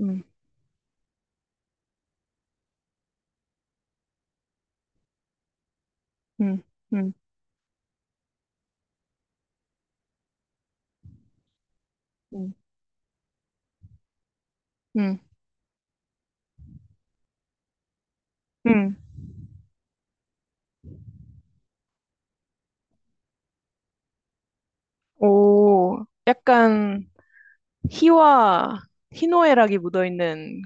음, 음, 음, 음, 음, 음. 오, 약간 희와 희노애락이 묻어있는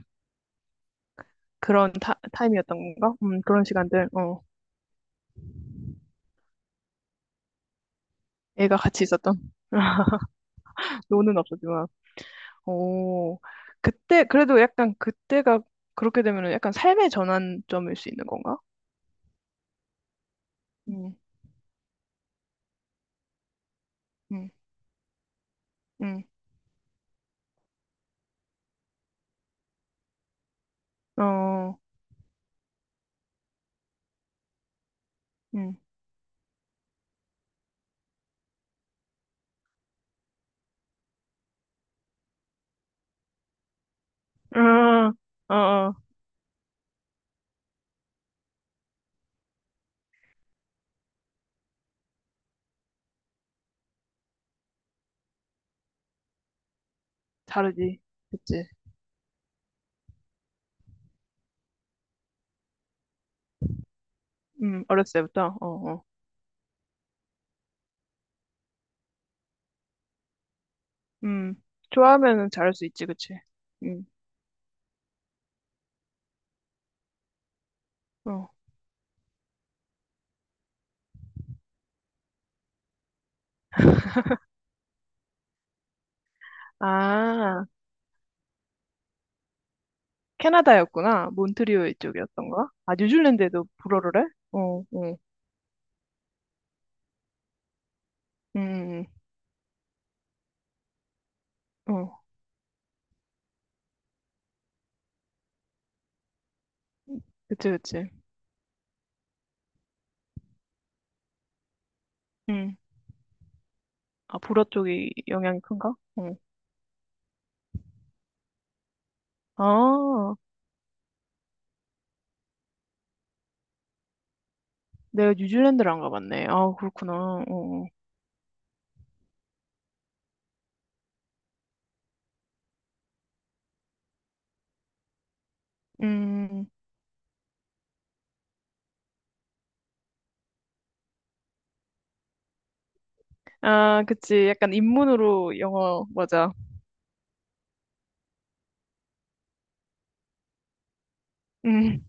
그런 타, 타임이었던 건가? 그런 시간들. 애가 같이 있었던. 노는 없었지만. 오, 그때 그래도 약간 그때가 그렇게 되면은 약간 삶의 전환점일 수 있는 건가? 음, 음, 음, 어, 음, 어, 어, 어, 다르지. 그치. 어렸을 때부터. 어, 어, 음, 좋아하면은 잘할 수 있지, 그치. 음. 어. 아, 캐나다였구나. 몬트리올 쪽이었던 거야? 아, 뉴질랜드에도 불어를 해? 어, 어, 음, 음, 어. 그치, 그치. 음. 아, 불어 쪽이 영향이 큰가? 어. 아, 내가 뉴질랜드를 안 가봤네. 아, 그렇구나. 어. 어. 음. 아, 그치. 약간 입문으로 영어, 맞아. 음.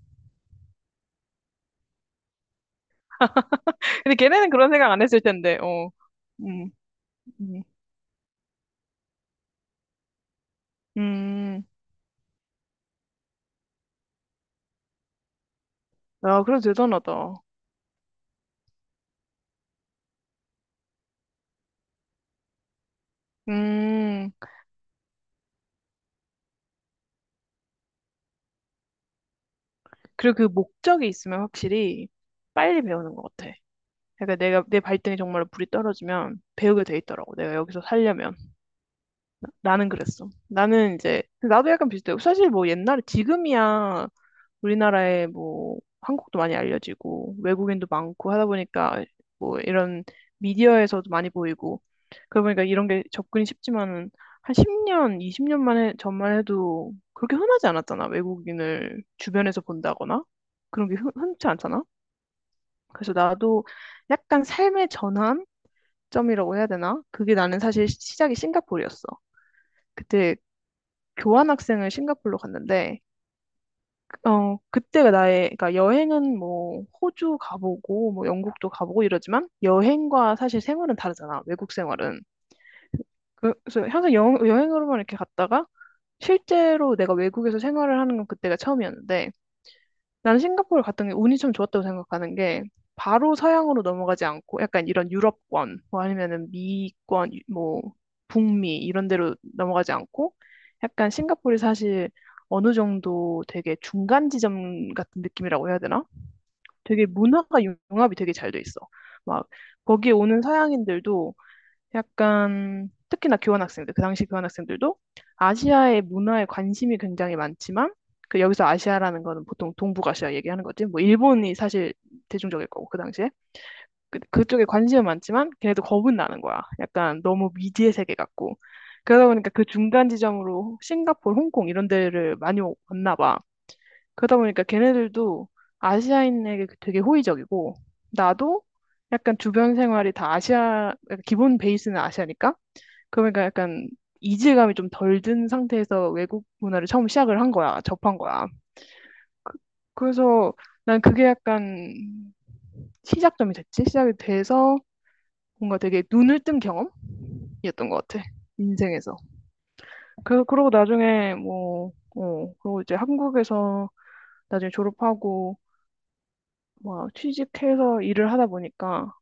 근데 걔네는 그런 생각 안 했을 텐데, 어. 음, 음, 음. 아, 그래도 대단하다. 음. 그리고 그 목적이 있으면 확실히 빨리 배우는 것 같아. 그러니까 내가 내 발등에 정말로 불이 떨어지면 배우게 돼 있더라고. 내가 여기서 살려면. 나는 그랬어. 나는 이제 나도 약간 비슷해. 사실 뭐 옛날에 지금이야 우리나라에 뭐 한국도 많이 알려지고 외국인도 많고 하다 보니까 뭐 이런 미디어에서도 많이 보이고 그러다 보니까 이런 게 접근이 쉽지만은 한 10년, 20년 만에 전만 해도 그렇게 흔하지 않았잖아. 외국인을 주변에서 본다거나 그런 게 흔치 않잖아. 그래서 나도 약간 삶의 전환점이라고 해야 되나? 그게 나는 사실 시작이 싱가포르였어. 그때 교환학생을 싱가포르로 갔는데 그때가 나의, 그러니까 여행은 뭐 호주 가보고 뭐 영국도 가보고 이러지만 여행과 사실 생활은 다르잖아. 외국 생활은. 그래서 항상 여행으로만 이렇게 갔다가 실제로 내가 외국에서 생활을 하는 건 그때가 처음이었는데 나는 싱가포르 갔던 게 운이 좀 좋았다고 생각하는 게 바로 서양으로 넘어가지 않고 약간 이런 유럽권 뭐 아니면은 미권 뭐 북미 이런 데로 넘어가지 않고 약간 싱가포르이 사실 어느 정도 되게 중간 지점 같은 느낌이라고 해야 되나? 되게 문화가 융합이 되게 잘 돼 있어. 막 거기에 오는 서양인들도 약간 특히나 교환 학생들, 그 당시 교환 학생들도 아시아의 문화에 관심이 굉장히 많지만 그 여기서 아시아라는 거는 보통 동북아시아 얘기하는 거지. 뭐 일본이 사실 대중적일 거고 그 당시에 그쪽에 관심은 많지만 걔네도 겁은 나는 거야. 약간 너무 미지의 세계 같고 그러다 보니까 그 중간 지점으로 싱가포르, 홍콩 이런 데를 많이 왔나 봐. 그러다 보니까 걔네들도 아시아인에게 되게 호의적이고 나도 약간 주변 생활이 다 아시아, 그러니까 기본 베이스는 아시아니까 그러니까 약간 이질감이 좀 덜 든 상태에서 외국 문화를 처음 시작을 한 거야, 접한 거야. 그, 그래서 난 그게 약간 시작점이 됐지? 시작이 돼서 뭔가 되게 눈을 뜬 경험이었던 것 같아, 인생에서. 그러고 나중에 뭐, 그러고 이제 한국에서 나중에 졸업하고 막 취직해서 일을 하다 보니까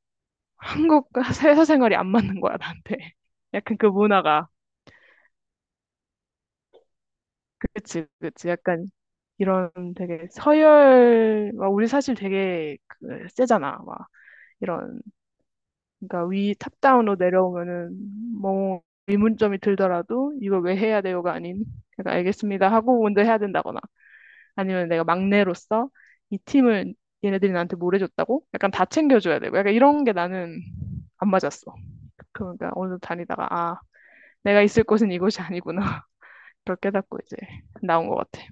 한국과 회사 생활이 안 맞는 거야, 나한테. 약간 그 문화가. 그치, 그치. 약간 이런 되게 서열, 막 우리 사실 되게 그 세잖아. 막 이런, 그러니까 위 탑다운으로 내려오면은 뭐 의문점이 들더라도 이걸 왜 해야 돼요가 아닌, 그러니까 알겠습니다 하고 먼저 해야 된다거나 아니면 내가 막내로서 이 팀을 얘네들이 나한테 뭘 해줬다고? 약간 다 챙겨줘야 되고 약간 이런 게 나는 안 맞았어. 그러니까 어느 정도 다니다가 아, 내가 있을 곳은 이곳이 아니구나. 그걸 깨닫고 이제 나온 것 같아.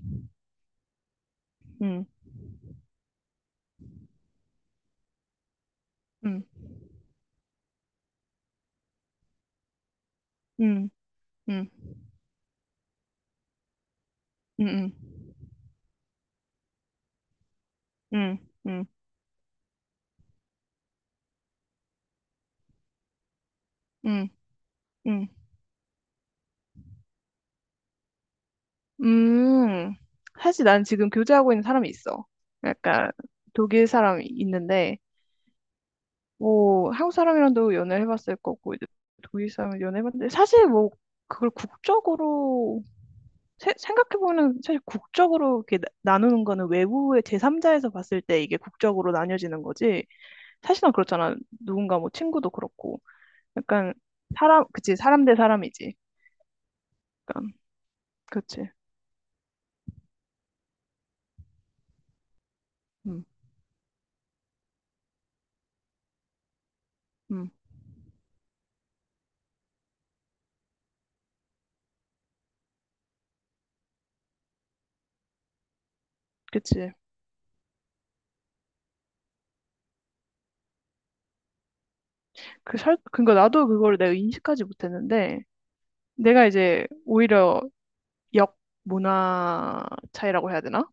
음, 음, 음, 음, 음, 음. 응, 응, 응, 응. 음, 사실 난 지금 교제하고 있는 사람이 있어. 약간 독일 사람이 있는데, 뭐, 한국 사람이랑도 연애를 해봤을 거고, 이제 독일 사람이 연애해봤는데, 사실 뭐, 그걸 국적으로, 생각해보면 사실 국적으로 이렇게 나누는 거는 외부의 제3자에서 봤을 때 이게 국적으로 나뉘어지는 거지. 사실은 그렇잖아. 누군가 뭐 친구도 그렇고. 약간 사람, 그치, 사람 대 사람이지. 약간, 그치. 음, 음, 그치. 그니까 나도 그걸 내가 인식하지 못했는데, 내가 이제 오히려 역 문화 차이라고 해야 되나?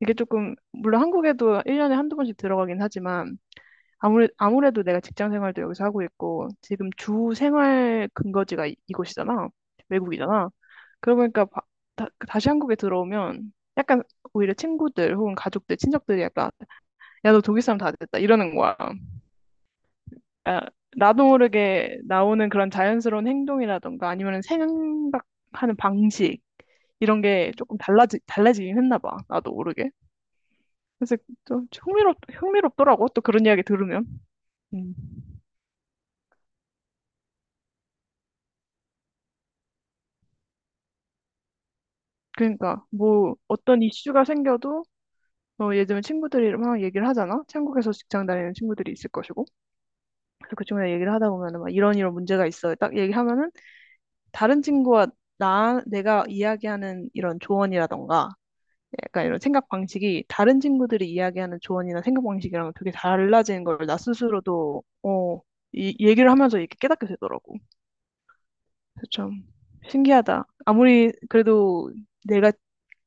이게 조금, 물론 한국에도 1년에 한두 번씩 들어가긴 하지만, 아무래도 내가 직장 생활도 여기서 하고 있고, 지금 주 생활 근거지가 이곳이잖아. 외국이잖아. 그러고 보니까 다시 한국에 들어오면, 약간 오히려 친구들 혹은 가족들, 친척들이 약간, 야, 너 독일 사람 다 됐다. 이러는 거야. 아, 나도 모르게 나오는 그런 자연스러운 행동이라던가 아니면 생각하는 방식 이런 게 조금 달라지긴 했나 봐. 나도 모르게. 그래서 좀 흥미롭더라고. 또 그런 이야기 들으면. 음. 그러니까 뭐 어떤 이슈가 생겨도 예전에 친구들이 막 얘기를 하잖아. 한국에서 직장 다니는 친구들이 있을 것이고. 그래서 그중에 얘기를 하다 보면은 막 이런 이런 문제가 있어요. 딱 얘기하면은 다른 친구와 나 내가 이야기하는 이런 조언이라던가 약간 이런 생각 방식이 다른 친구들이 이야기하는 조언이나 생각 방식이랑 되게 달라지는 걸 나 스스로도 어, 이 얘기를 하면서 이렇게 깨닫게 되더라고. 그래서 참 신기하다. 아무리 그래도 내가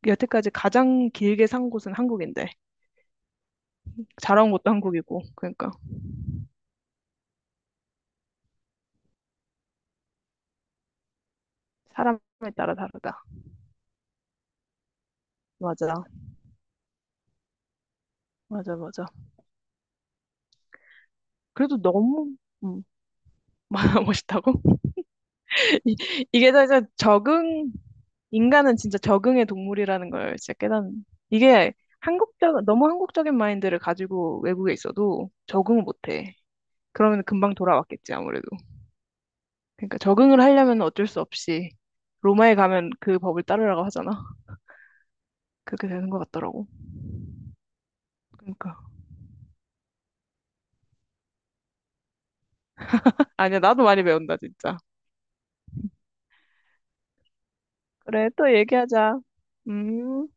여태까지 가장 길게 산 곳은 한국인데 자라온 곳도 한국이고 그러니까 사람에 따라 다르다. 맞아, 맞아, 맞아. 그래도 너무 음, 멋있다고? 이게 다 이제 적응 인간은 진짜 적응의 동물이라는 걸 진짜 깨닫는. 이게 한국적, 너무 한국적인 마인드를 가지고 외국에 있어도 적응을 못해. 그러면 금방 돌아왔겠지, 아무래도. 그러니까 적응을 하려면 어쩔 수 없이 로마에 가면 그 법을 따르라고 하잖아. 그렇게 되는 것 같더라고. 그러니까. 아니야, 나도 많이 배운다, 진짜. 그래, 또 얘기하자. 음.